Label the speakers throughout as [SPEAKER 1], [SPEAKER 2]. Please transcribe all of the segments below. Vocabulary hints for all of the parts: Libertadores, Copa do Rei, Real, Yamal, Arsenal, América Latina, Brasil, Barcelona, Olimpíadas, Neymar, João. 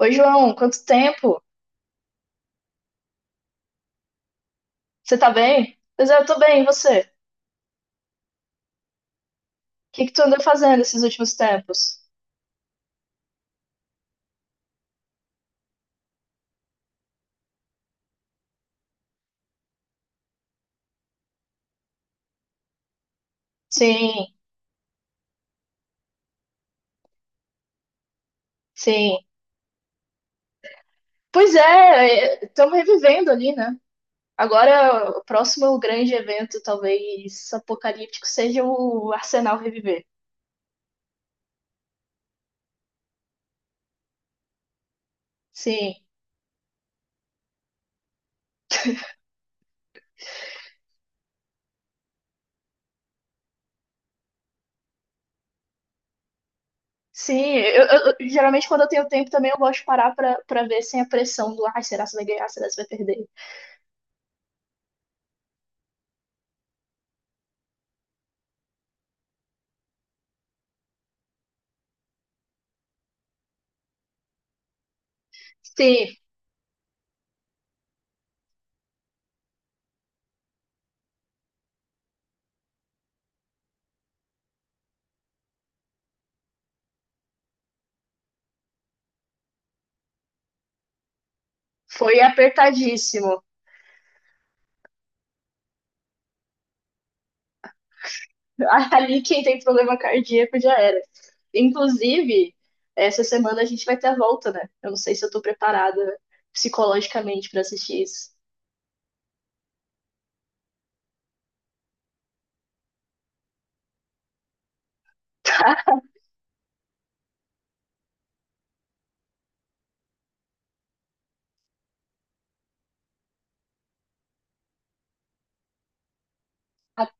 [SPEAKER 1] Oi, João, quanto tempo? Você tá bem? Pois é, eu tô bem, e você? O que que tu andou fazendo esses últimos tempos? Sim, sim. Pois é, estamos revivendo ali, né? Agora, o próximo grande evento, talvez apocalíptico, seja o Arsenal reviver. Sim, sim. Geralmente, quando eu tenho tempo também, eu gosto de parar pra ver sem a pressão do ai, será que você vai ganhar? Será que você vai perder? Sim, foi apertadíssimo. Ali quem tem problema cardíaco já era. Inclusive, essa semana a gente vai ter a volta, né? Eu não sei se eu tô preparada psicologicamente pra assistir isso. A-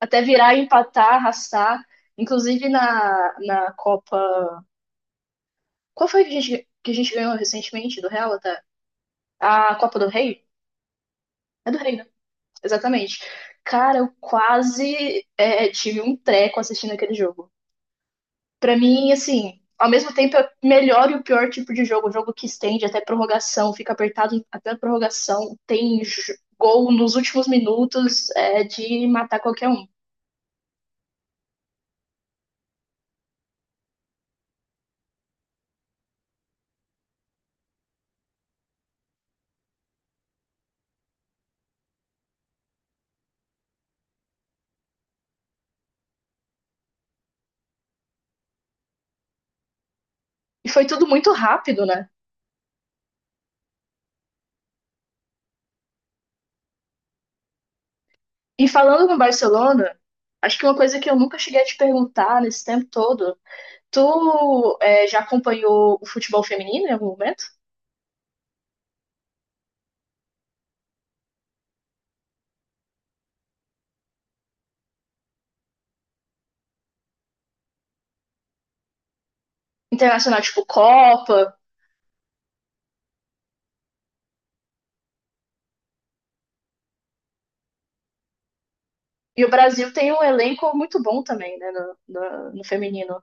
[SPEAKER 1] Até virar, empatar, arrastar. Inclusive na Copa. Qual foi que que a gente ganhou recentemente do Real até? A Copa do Rei? É do Rei, né? Exatamente. Cara, eu quase tive um treco assistindo aquele jogo. Pra mim, assim, ao mesmo tempo é o melhor e o pior tipo de jogo. Jogo que estende até prorrogação, fica apertado até a prorrogação, tem gol nos últimos minutos, é de matar qualquer um. E foi tudo muito rápido, né? E falando no Barcelona, acho que uma coisa que eu nunca cheguei a te perguntar nesse tempo todo, tu já acompanhou o futebol feminino em algum momento? Internacional, tipo Copa? E o Brasil tem um elenco muito bom também, né, no feminino.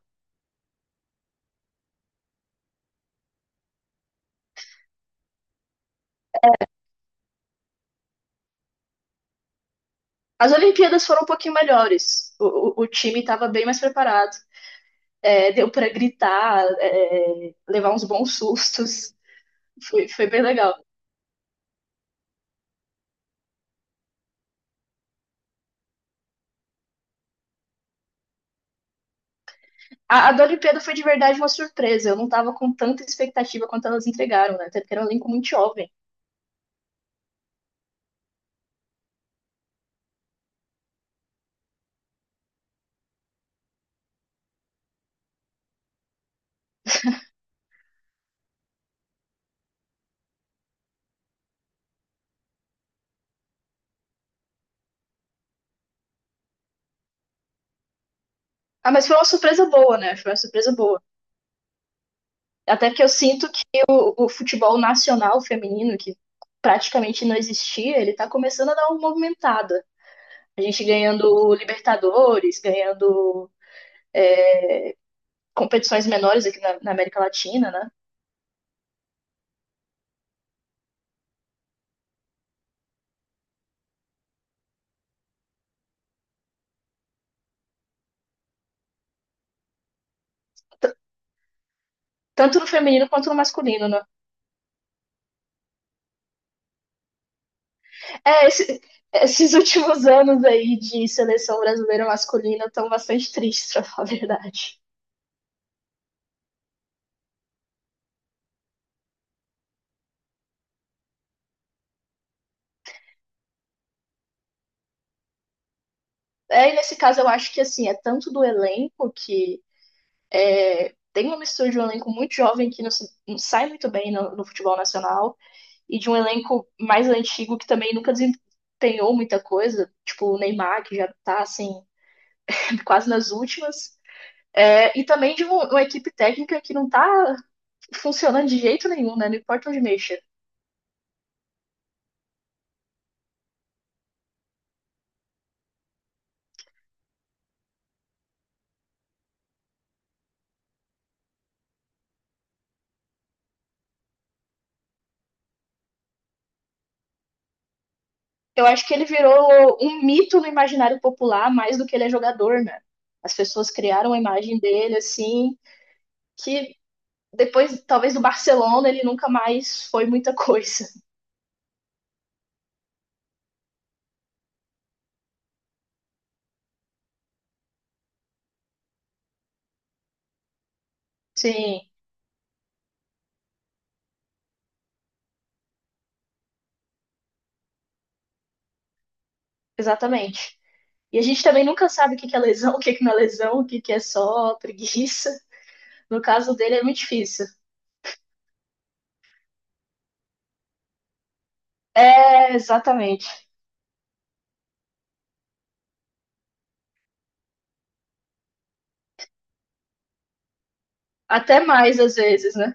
[SPEAKER 1] As Olimpíadas foram um pouquinho melhores. O time estava bem mais preparado. É, deu para gritar, é, levar uns bons sustos. Foi bem legal. A da Olimpíada foi de verdade uma surpresa. Eu não estava com tanta expectativa quanto elas entregaram, né? Até porque era um elenco muito jovem. Ah, mas foi uma surpresa boa, né? Foi uma surpresa boa. Até que eu sinto que o futebol nacional feminino, que praticamente não existia, ele está começando a dar uma movimentada. A gente ganhando Libertadores, ganhando competições menores aqui na América Latina, né? Tanto no feminino quanto no masculino, né? É, esse, esses últimos anos aí de seleção brasileira masculina estão bastante tristes, pra falar a verdade. É, e nesse caso eu acho que assim, é tanto do elenco que tem uma mistura de um elenco muito jovem que não, não sai muito bem no futebol nacional e de um elenco mais antigo que também nunca desempenhou muita coisa, tipo o Neymar, que já tá assim, quase nas últimas. É, e também de uma equipe técnica que não tá funcionando de jeito nenhum, né? Não importa onde mexa. Eu acho que ele virou um mito no imaginário popular mais do que ele é jogador, né? As pessoas criaram a imagem dele assim, que depois, talvez do Barcelona, ele nunca mais foi muita coisa. Sim, exatamente. E a gente também nunca sabe o que que é lesão, o que que não é lesão, o que que é só preguiça. No caso dele é muito difícil. É, exatamente. Até mais às vezes, né?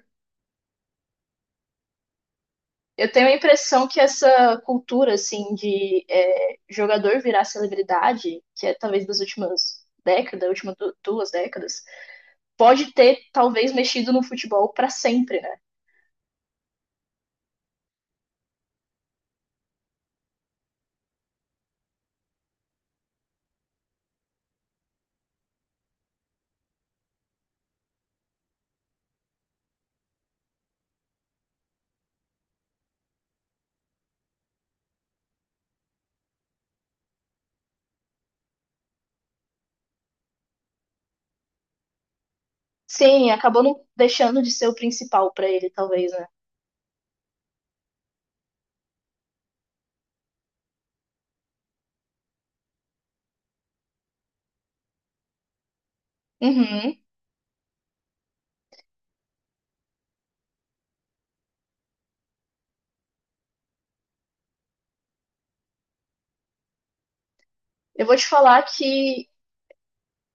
[SPEAKER 1] Eu tenho a impressão que essa cultura, assim, de jogador virar celebridade, que é talvez das últimas décadas, últimas duas décadas, pode ter talvez mexido no futebol pra sempre, né? Sim, acabou não deixando de ser o principal pra ele, talvez, né? Uhum. Eu vou te falar que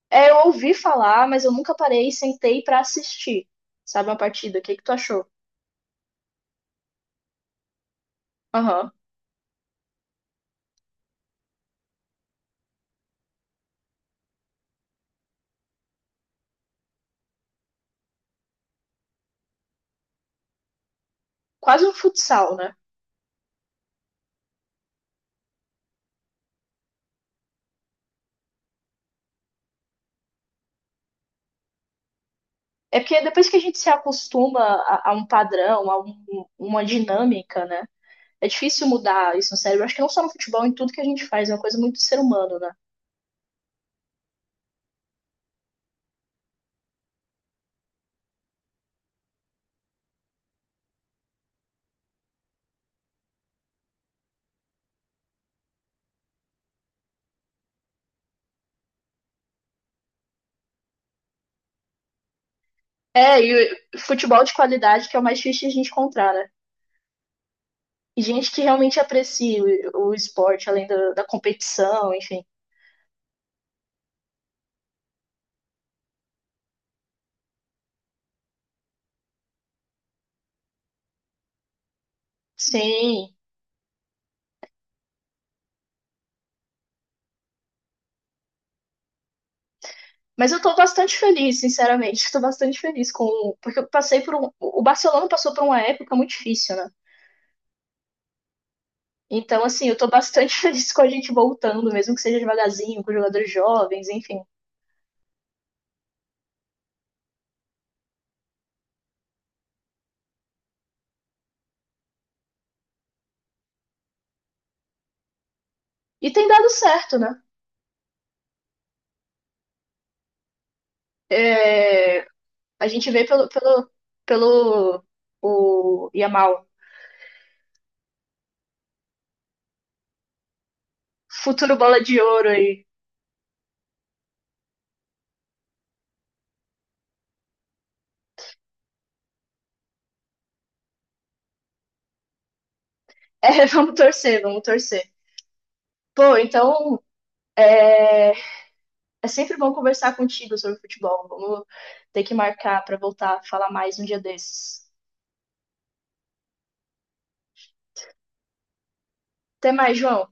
[SPEAKER 1] eu ouvi falar, mas eu nunca parei e sentei pra assistir, sabe, uma partida. O que que tu achou? Aham. Quase um futsal, né? É porque depois que a gente se acostuma a um padrão, a uma dinâmica, né? É difícil mudar isso no cérebro. Acho que não só no futebol, em tudo que a gente faz. É uma coisa muito do ser humano, né? É, e o futebol de qualidade que é o mais difícil de a gente encontrar, né? E gente que realmente aprecia o esporte, além da competição, enfim. Sim. Mas eu tô bastante feliz, sinceramente. Tô bastante feliz com. Porque eu passei por um. O Barcelona passou por uma época muito difícil, né? Então, assim, eu tô bastante feliz com a gente voltando, mesmo que seja devagarzinho, com jogadores jovens, enfim. E tem dado certo, né? É, a gente vê pelo o Yamal, futuro bola de ouro aí. É, vamos torcer, vamos torcer. Pô, então é sempre bom conversar contigo sobre futebol. Vamos ter que marcar pra voltar a falar mais um dia desses. Até mais, João.